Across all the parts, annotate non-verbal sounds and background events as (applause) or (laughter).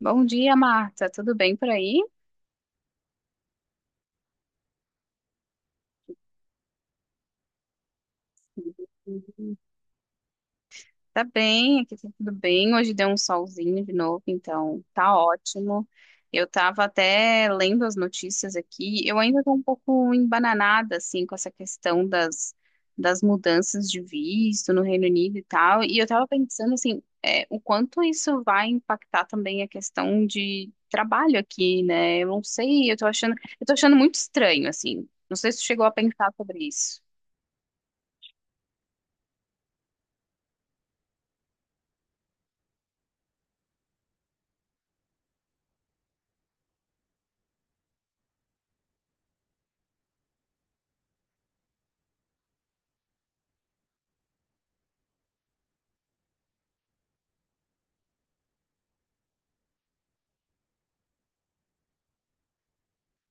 Bom dia, Marta. Tudo bem por aí? Tá bem, aqui tá tudo bem. Hoje deu um solzinho de novo, então tá ótimo. Eu tava até lendo as notícias aqui. Eu ainda tô um pouco embananada, assim, com essa questão das mudanças de visto no Reino Unido e tal. E eu tava pensando, assim, o quanto isso vai impactar também a questão de trabalho aqui, né? Eu não sei, eu tô achando muito estranho, assim. Não sei se tu chegou a pensar sobre isso.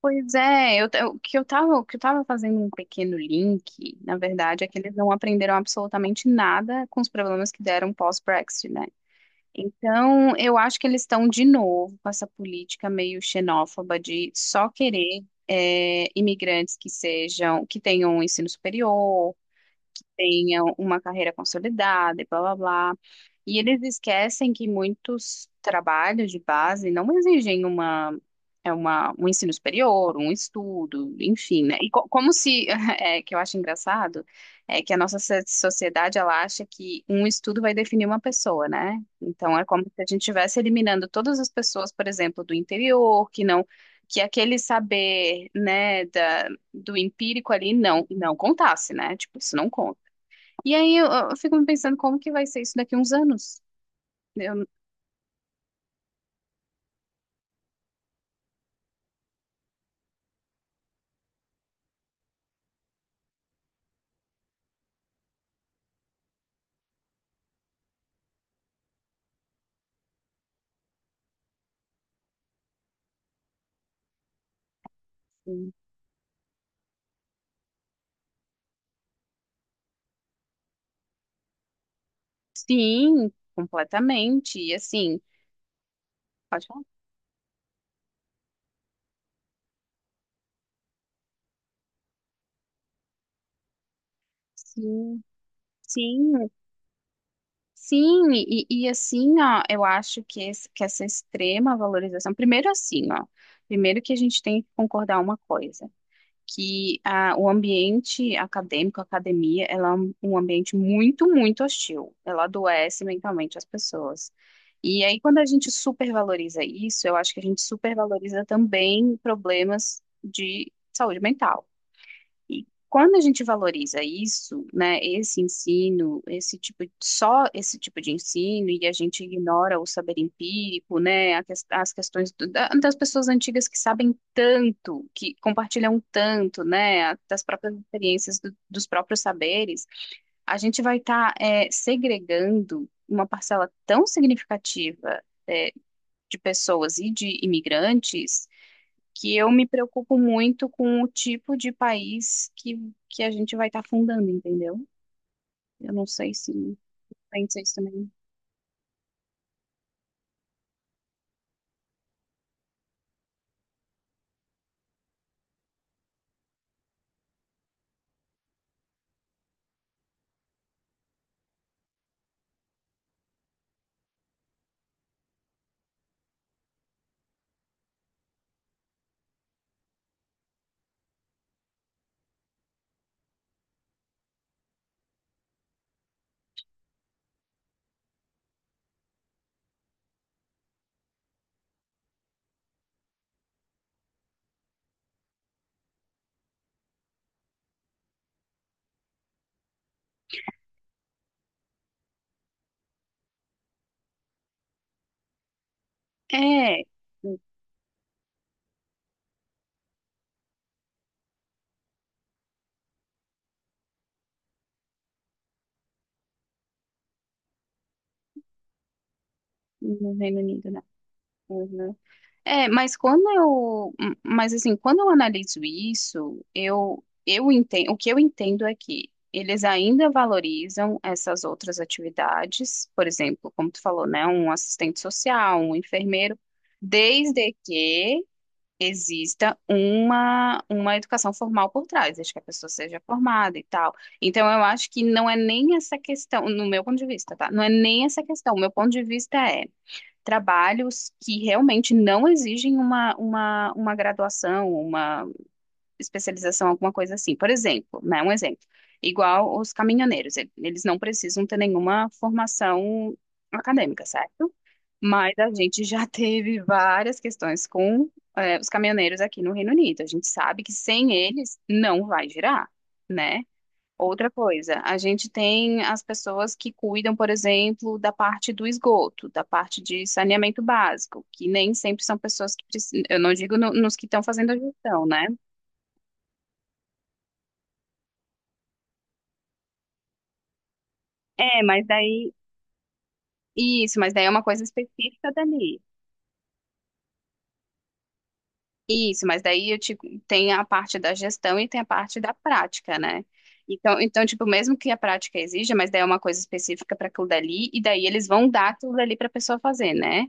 Pois é, o que eu tava fazendo um pequeno link, na verdade, é que eles não aprenderam absolutamente nada com os problemas que deram pós-Brexit, né? Então, eu acho que eles estão de novo com essa política meio xenófoba de só querer imigrantes que tenham um ensino superior, tenha uma carreira consolidada e blá blá blá. E eles esquecem que muitos trabalhos de base não exigem um ensino superior, um estudo, enfim, né? E como se, (laughs) é, que eu acho engraçado, é que a nossa sociedade, ela acha que um estudo vai definir uma pessoa, né? Então, é como se a gente estivesse eliminando todas as pessoas, por exemplo, do interior, que não, que aquele saber, né, do empírico ali não contasse, né? Tipo, isso não conta. E aí eu fico me pensando como que vai ser isso daqui a uns anos. Eu- sim, completamente. E assim, pode falar? Sim, sim, sim. E assim, ó, eu acho que, esse- que essa extrema valorização. Primeiro assim, ó. Primeiro que a gente tem que concordar uma coisa. O ambiente acadêmico, a academia, ela é um ambiente muito, muito hostil. Ela adoece mentalmente as pessoas. E aí, quando a gente supervaloriza isso, eu acho que a gente supervaloriza também problemas de saúde mental. E quando a gente valoriza isso, né, esse ensino, só esse tipo de ensino, e a gente ignora o saber empírico, né, as questões das pessoas antigas que sabem tanto, que compartilham tanto, né, das próprias experiências, dos próprios saberes, a gente vai estar segregando uma parcela tão significativa. é, de pessoas e de imigrantes que eu me preocupo muito com o tipo de país que a gente vai estar fundando, entendeu? Eu não sei se pensa isso também. É, no no Reino Unido, né? Uhum. É, mas quando mas assim, quando eu analiso isso, eu entendo, o que eu entendo é que eles ainda valorizam essas outras atividades, por exemplo, como tu falou, né, um assistente social, um enfermeiro, desde que exista uma educação formal por trás, desde que a pessoa seja formada e tal. Então, eu acho que não é nem essa questão, no meu ponto de vista, tá? Não é nem essa questão. O meu ponto de vista é trabalhos que realmente não exigem uma graduação, uma especialização, alguma coisa assim. Por exemplo, né? Um exemplo. Igual os caminhoneiros, eles não precisam ter nenhuma formação acadêmica, certo? Mas a gente já teve várias questões com os caminhoneiros aqui no Reino Unido. A gente sabe que sem eles não vai girar, né? Outra coisa, a gente tem as pessoas que cuidam, por exemplo, da parte do esgoto, da parte de saneamento básico, que nem sempre são pessoas que precisam. Eu não digo nos que estão fazendo a gestão, né? É, mas daí. Isso, mas daí é uma coisa específica dali. Isso, mas daí eu te, tem a parte da gestão e tem a parte da prática, né? Então, tipo, mesmo que a prática exija, mas daí é uma coisa específica para aquilo dali, e daí eles vão dar aquilo dali para a pessoa fazer, né?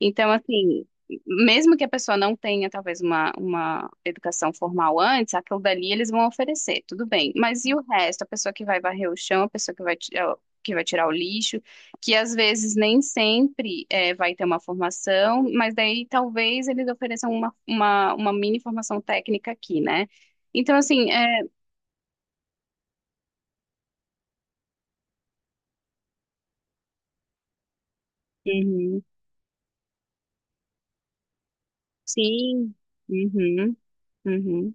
Então, assim, mesmo que a pessoa não tenha, talvez, uma educação formal antes, aquilo dali eles vão oferecer, tudo bem. Mas e o resto? A pessoa que vai varrer o chão, a pessoa que vai, ti- que vai tirar o lixo, que às vezes nem sempre é, vai ter uma formação, mas daí talvez eles ofereçam uma mini formação técnica aqui, né? Então, assim, é, uhum, sim, uhum, uhum,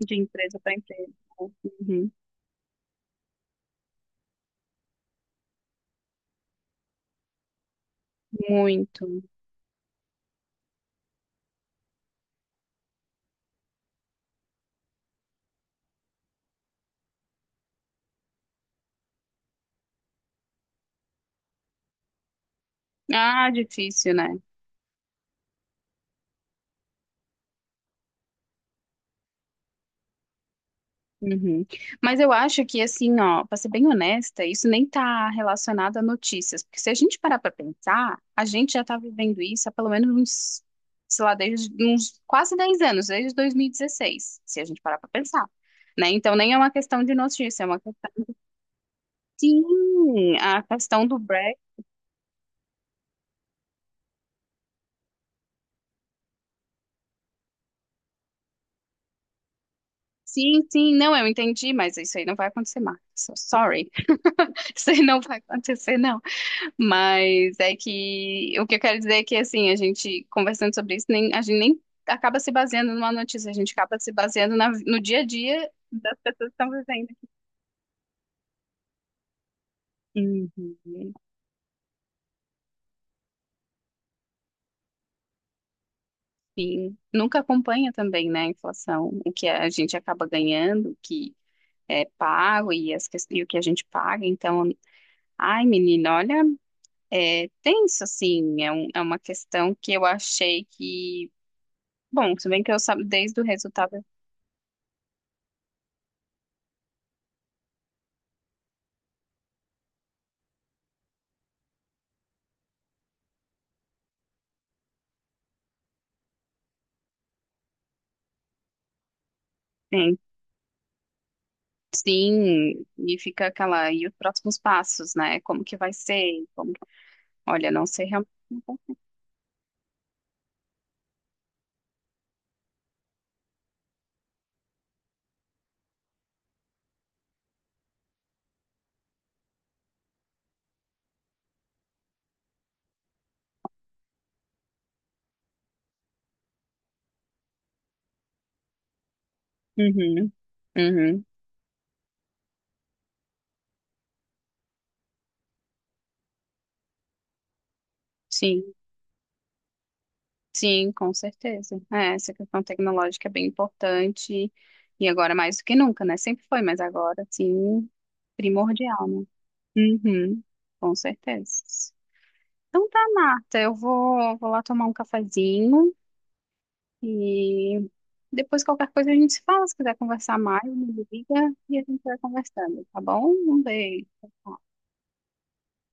de empresa para empresa, uhum, muito. Ah, difícil, né? Uhum. Mas eu acho que, assim, ó, para ser bem honesta, isso nem tá relacionado a notícias, porque se a gente parar para pensar, a gente já tá vivendo isso há pelo menos uns, sei lá, desde uns quase 10 anos, desde 2016, se a gente parar para pensar, né? Então nem é uma questão de notícia, é uma questão... Sim, a questão do Brexit, sim, sim, não, eu entendi, mas isso aí não vai acontecer mais, so sorry, (laughs) isso aí não vai acontecer. Mas é que o que eu quero dizer é que assim, a gente conversando sobre isso, nem, a gente nem acaba se baseando numa notícia, a gente acaba se baseando no dia a dia das pessoas que estão vivendo. Uhum. Sim. Nunca acompanha também, né, a inflação, o que a gente acaba ganhando, o que é pago e o que a gente paga. Então, ai, menina, olha, é tenso, assim, é uma questão que eu achei que, bom, se bem que eu sabe desde o resultado. É, Sim, e fica aquela, e os próximos passos, né? Como que vai ser? Como... Olha, não sei realmente. Uhum, uhum, sim, sim, com certeza. É, essa questão tecnológica é bem importante e agora mais do que nunca, né? Sempre foi, mas agora, sim, primordial, né? Uhum, com certeza. Então tá, Marta, vou lá tomar um cafezinho. E depois qualquer coisa a gente se fala, se quiser conversar mais, me liga e a gente vai conversando, tá bom? Um beijo. Tchau.